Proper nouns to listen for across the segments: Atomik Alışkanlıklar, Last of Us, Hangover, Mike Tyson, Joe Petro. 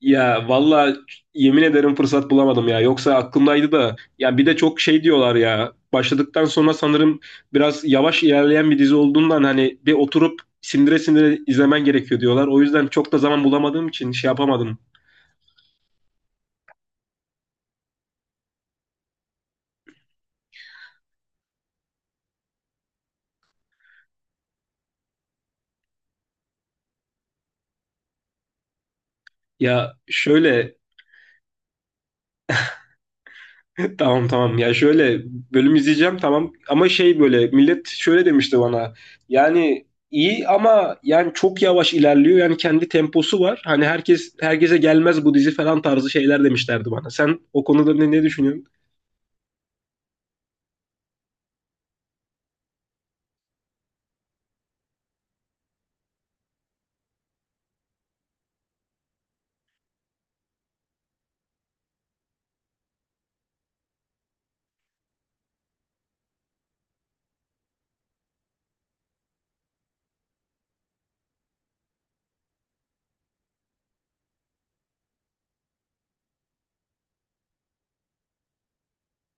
Ya valla yemin ederim fırsat bulamadım ya. Yoksa aklımdaydı da. Ya bir de çok şey diyorlar ya. Başladıktan sonra sanırım biraz yavaş ilerleyen bir dizi olduğundan hani bir oturup sindire sindire izlemen gerekiyor diyorlar. O yüzden çok da zaman bulamadığım için şey yapamadım. Ya şöyle. Tamam, ya şöyle bölüm izleyeceğim, tamam, ama şey böyle millet şöyle demişti bana, yani iyi ama yani çok yavaş ilerliyor, yani kendi temposu var, hani herkes herkese gelmez bu dizi falan tarzı şeyler demişlerdi bana. Sen o konuda ne düşünüyorsun?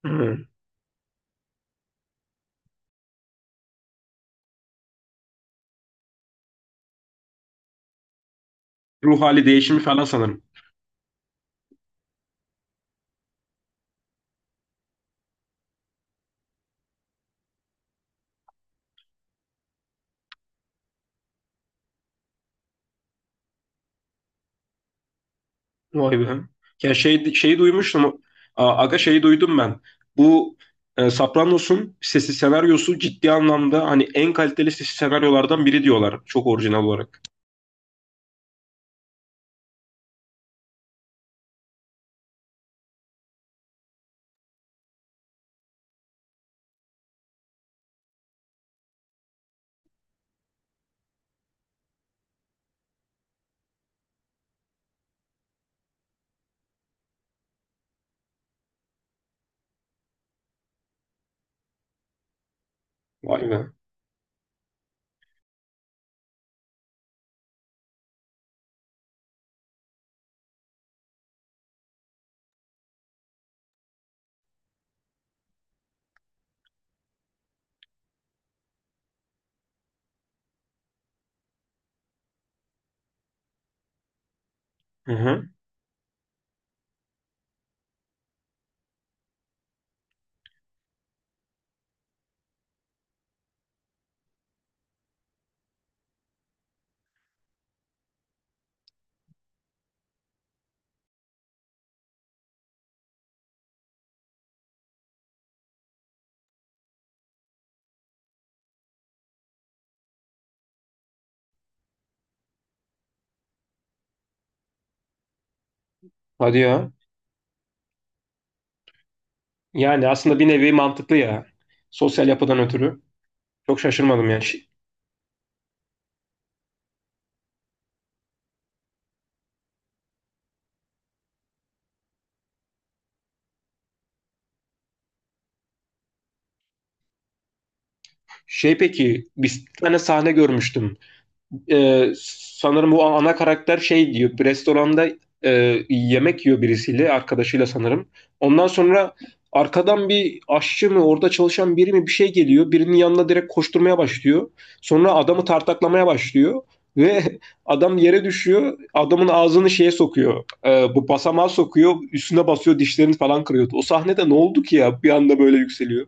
Hı. Ruh hali değişimi falan sanırım. Vay be. Ya şeyi duymuştum. Aga şeyi duydum ben, bu Sopranos'un sesi senaryosu ciddi anlamda hani en kaliteli sesi senaryolardan biri diyorlar, çok orijinal olarak. Vay be. Hı hı. Hadi ya. Yani aslında bir nevi mantıklı ya. Sosyal yapıdan ötürü. Çok şaşırmadım ya. Şey, peki, bir tane sahne görmüştüm. Sanırım bu ana karakter şey diyor. Bir restoranda yemek yiyor birisiyle, arkadaşıyla sanırım. Ondan sonra arkadan bir aşçı mı, orada çalışan biri mi bir şey geliyor. Birinin yanına direkt koşturmaya başlıyor. Sonra adamı tartaklamaya başlıyor. Ve adam yere düşüyor. Adamın ağzını şeye sokuyor. Bu basamağa sokuyor. Üstüne basıyor. Dişlerini falan kırıyordu. O sahnede ne oldu ki ya? Bir anda böyle yükseliyor.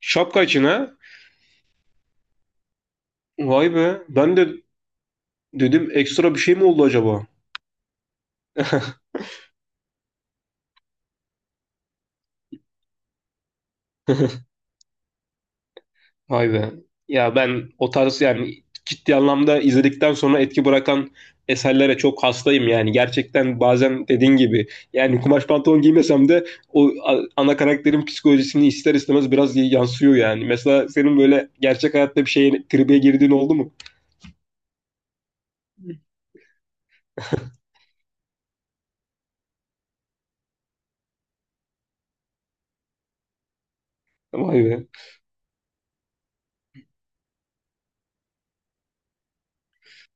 Şapka içine. Vay be. Ben de dedim, ekstra bir şey mi oldu acaba? Vay be. Ya ben o tarz, yani ciddi anlamda izledikten sonra etki bırakan eserlere çok hastayım yani. Gerçekten bazen dediğin gibi, yani kumaş pantolon giymesem de o ana karakterin psikolojisini ister istemez biraz yansıyor yani. Mesela senin böyle gerçek hayatta bir şeye tribe girdiğin oldu mu? Vay be.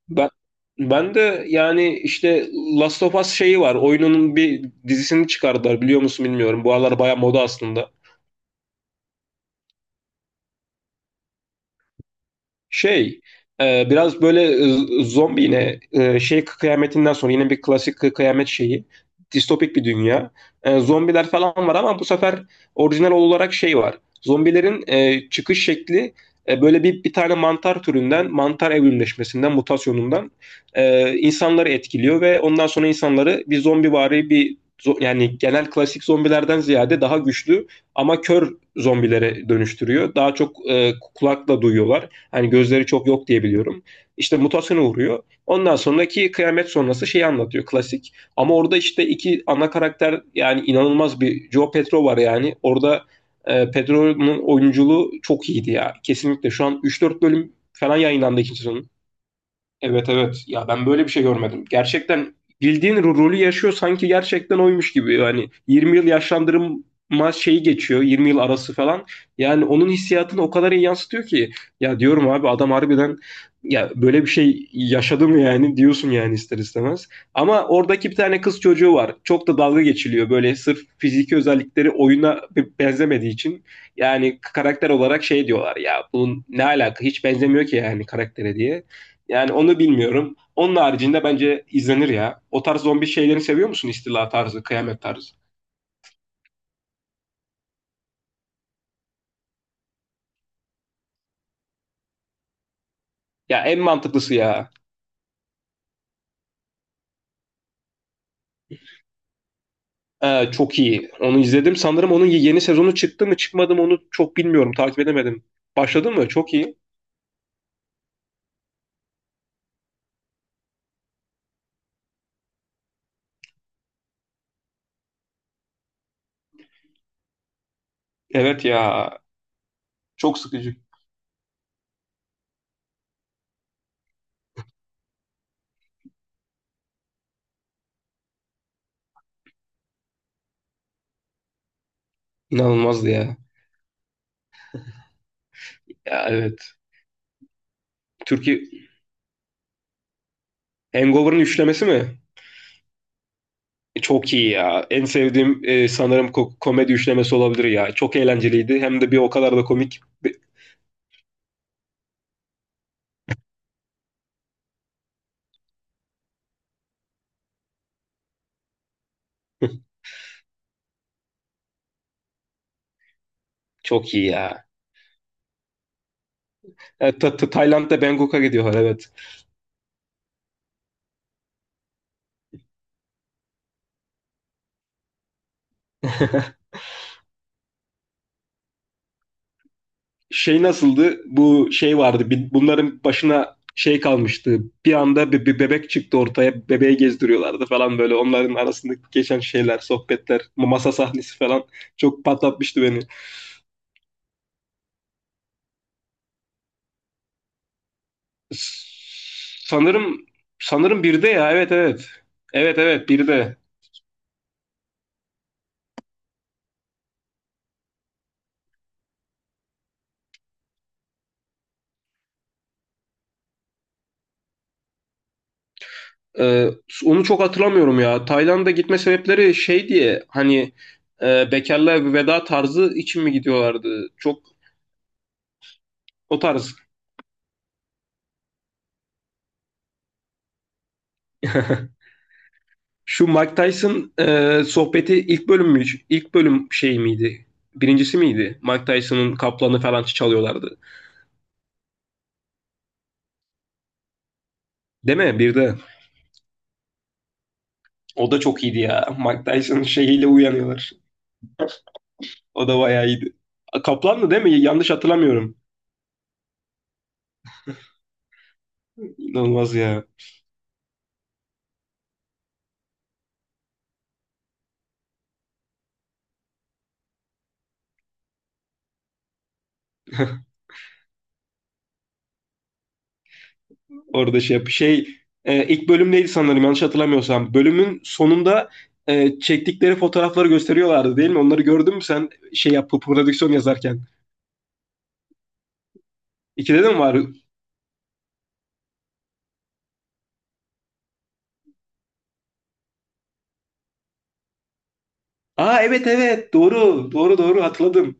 Ben ben de yani işte Last of Us şeyi var. Oyununun bir dizisini çıkardılar, biliyor musun bilmiyorum. Bu aralar baya moda aslında. Şey, biraz böyle zombi yine, şey kıyametinden sonra yine bir klasik kıyamet şeyi. Distopik bir dünya. Zombiler falan var ama bu sefer orijinal olarak şey var. Zombilerin çıkış şekli, böyle bir tane mantar türünden, mantar evrimleşmesinden, mutasyonundan insanları etkiliyor ve ondan sonra insanları bir zombivari bir yani genel klasik zombilerden ziyade daha güçlü ama kör zombilere dönüştürüyor. Daha çok kulakla duyuyorlar. Hani gözleri çok yok diye biliyorum. İşte mutasyona uğruyor. Ondan sonraki kıyamet sonrası şeyi anlatıyor klasik. Ama orada işte iki ana karakter, yani inanılmaz bir Joe Petro var yani. Orada Pedro'nun oyunculuğu çok iyiydi ya. Kesinlikle şu an üç dört bölüm falan yayınlandı ikinci sezonun. Evet evet. Ya ben böyle bir şey görmedim. Gerçekten bildiğin rolü yaşıyor, sanki gerçekten oymuş gibi. Yani 20 yıl yaşlandırma şeyi geçiyor. 20 yıl arası falan. Yani onun hissiyatını o kadar iyi yansıtıyor ki. Ya diyorum, abi adam harbiden ya böyle bir şey yaşadı mı, yani diyorsun yani ister istemez. Ama oradaki bir tane kız çocuğu var. Çok da dalga geçiliyor böyle, sırf fiziki özellikleri oyuna benzemediği için. Yani karakter olarak şey diyorlar ya, bunun ne alaka, hiç benzemiyor ki yani karaktere diye. Yani onu bilmiyorum. Onun haricinde bence izlenir ya. O tarz zombi şeylerini seviyor musun? İstila tarzı, kıyamet tarzı. Ya en mantıklısı ya. Çok iyi. Onu izledim. Sanırım onun yeni sezonu çıktı mı çıkmadı mı onu çok bilmiyorum. Takip edemedim. Başladın mı? Çok iyi. Evet ya. Çok sıkıcı. İnanılmazdı ya. Ya evet. Türkiye Hangover'ın üçlemesi mi? Çok iyi ya. En sevdiğim, sanırım komedi üçlemesi olabilir ya. Çok eğlenceliydi. Hem de bir o kadar da komik. Çok iyi ya. Evet, Tayland'da Bangkok'a gidiyorlar, evet. Şey nasıldı? Bu şey vardı. Bunların başına şey kalmıştı. Bir anda bir bebek çıktı ortaya. Bebeği gezdiriyorlardı falan böyle. Onların arasındaki geçen şeyler, sohbetler, masa sahnesi falan çok patlatmıştı beni. S- Sanırım sanırım bir de, ya evet evet. Evet evet bir de. Ee, Onu çok hatırlamıyorum ya. Tayland'a gitme sebepleri şey diye, hani bekarlığa veda tarzı için mi gidiyorlardı? Çok. O tarz. Şu Mike Tyson sohbeti ilk bölüm mü? İlk bölüm şey miydi? Birincisi miydi? Mike Tyson'ın kaplanı falan çalıyorlardı. Değil mi? Bir de. O da çok iyiydi ya. Mike Tyson'ın şeyiyle uyanıyorlar. O da bayağı iyiydi. Kaplandı değil mi? Yanlış hatırlamıyorum. İnanılmaz ya. Orada şey, ilk bölüm neydi sanırım, yanlış hatırlamıyorsam. Bölümün sonunda çektikleri fotoğrafları gösteriyorlardı değil mi? Onları gördün mü sen şey yap prodüksiyon yazarken? İkide de mi var? Aa evet evet, doğru doğru doğru hatırladım.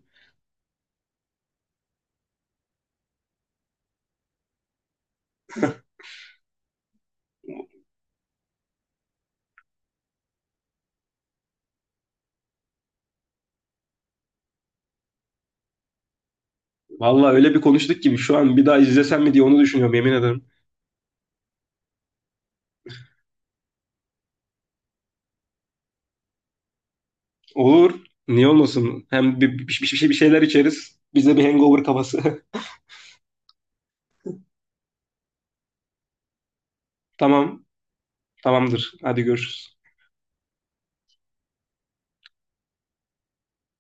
Vallahi öyle bir konuştuk gibi, şu an bir daha izlesem mi diye onu düşünüyorum, yemin ederim. Olur. Niye olmasın? Hem bir şeyler içeriz. Bize bir hangover kafası. Tamam. Tamamdır. Hadi görüşürüz.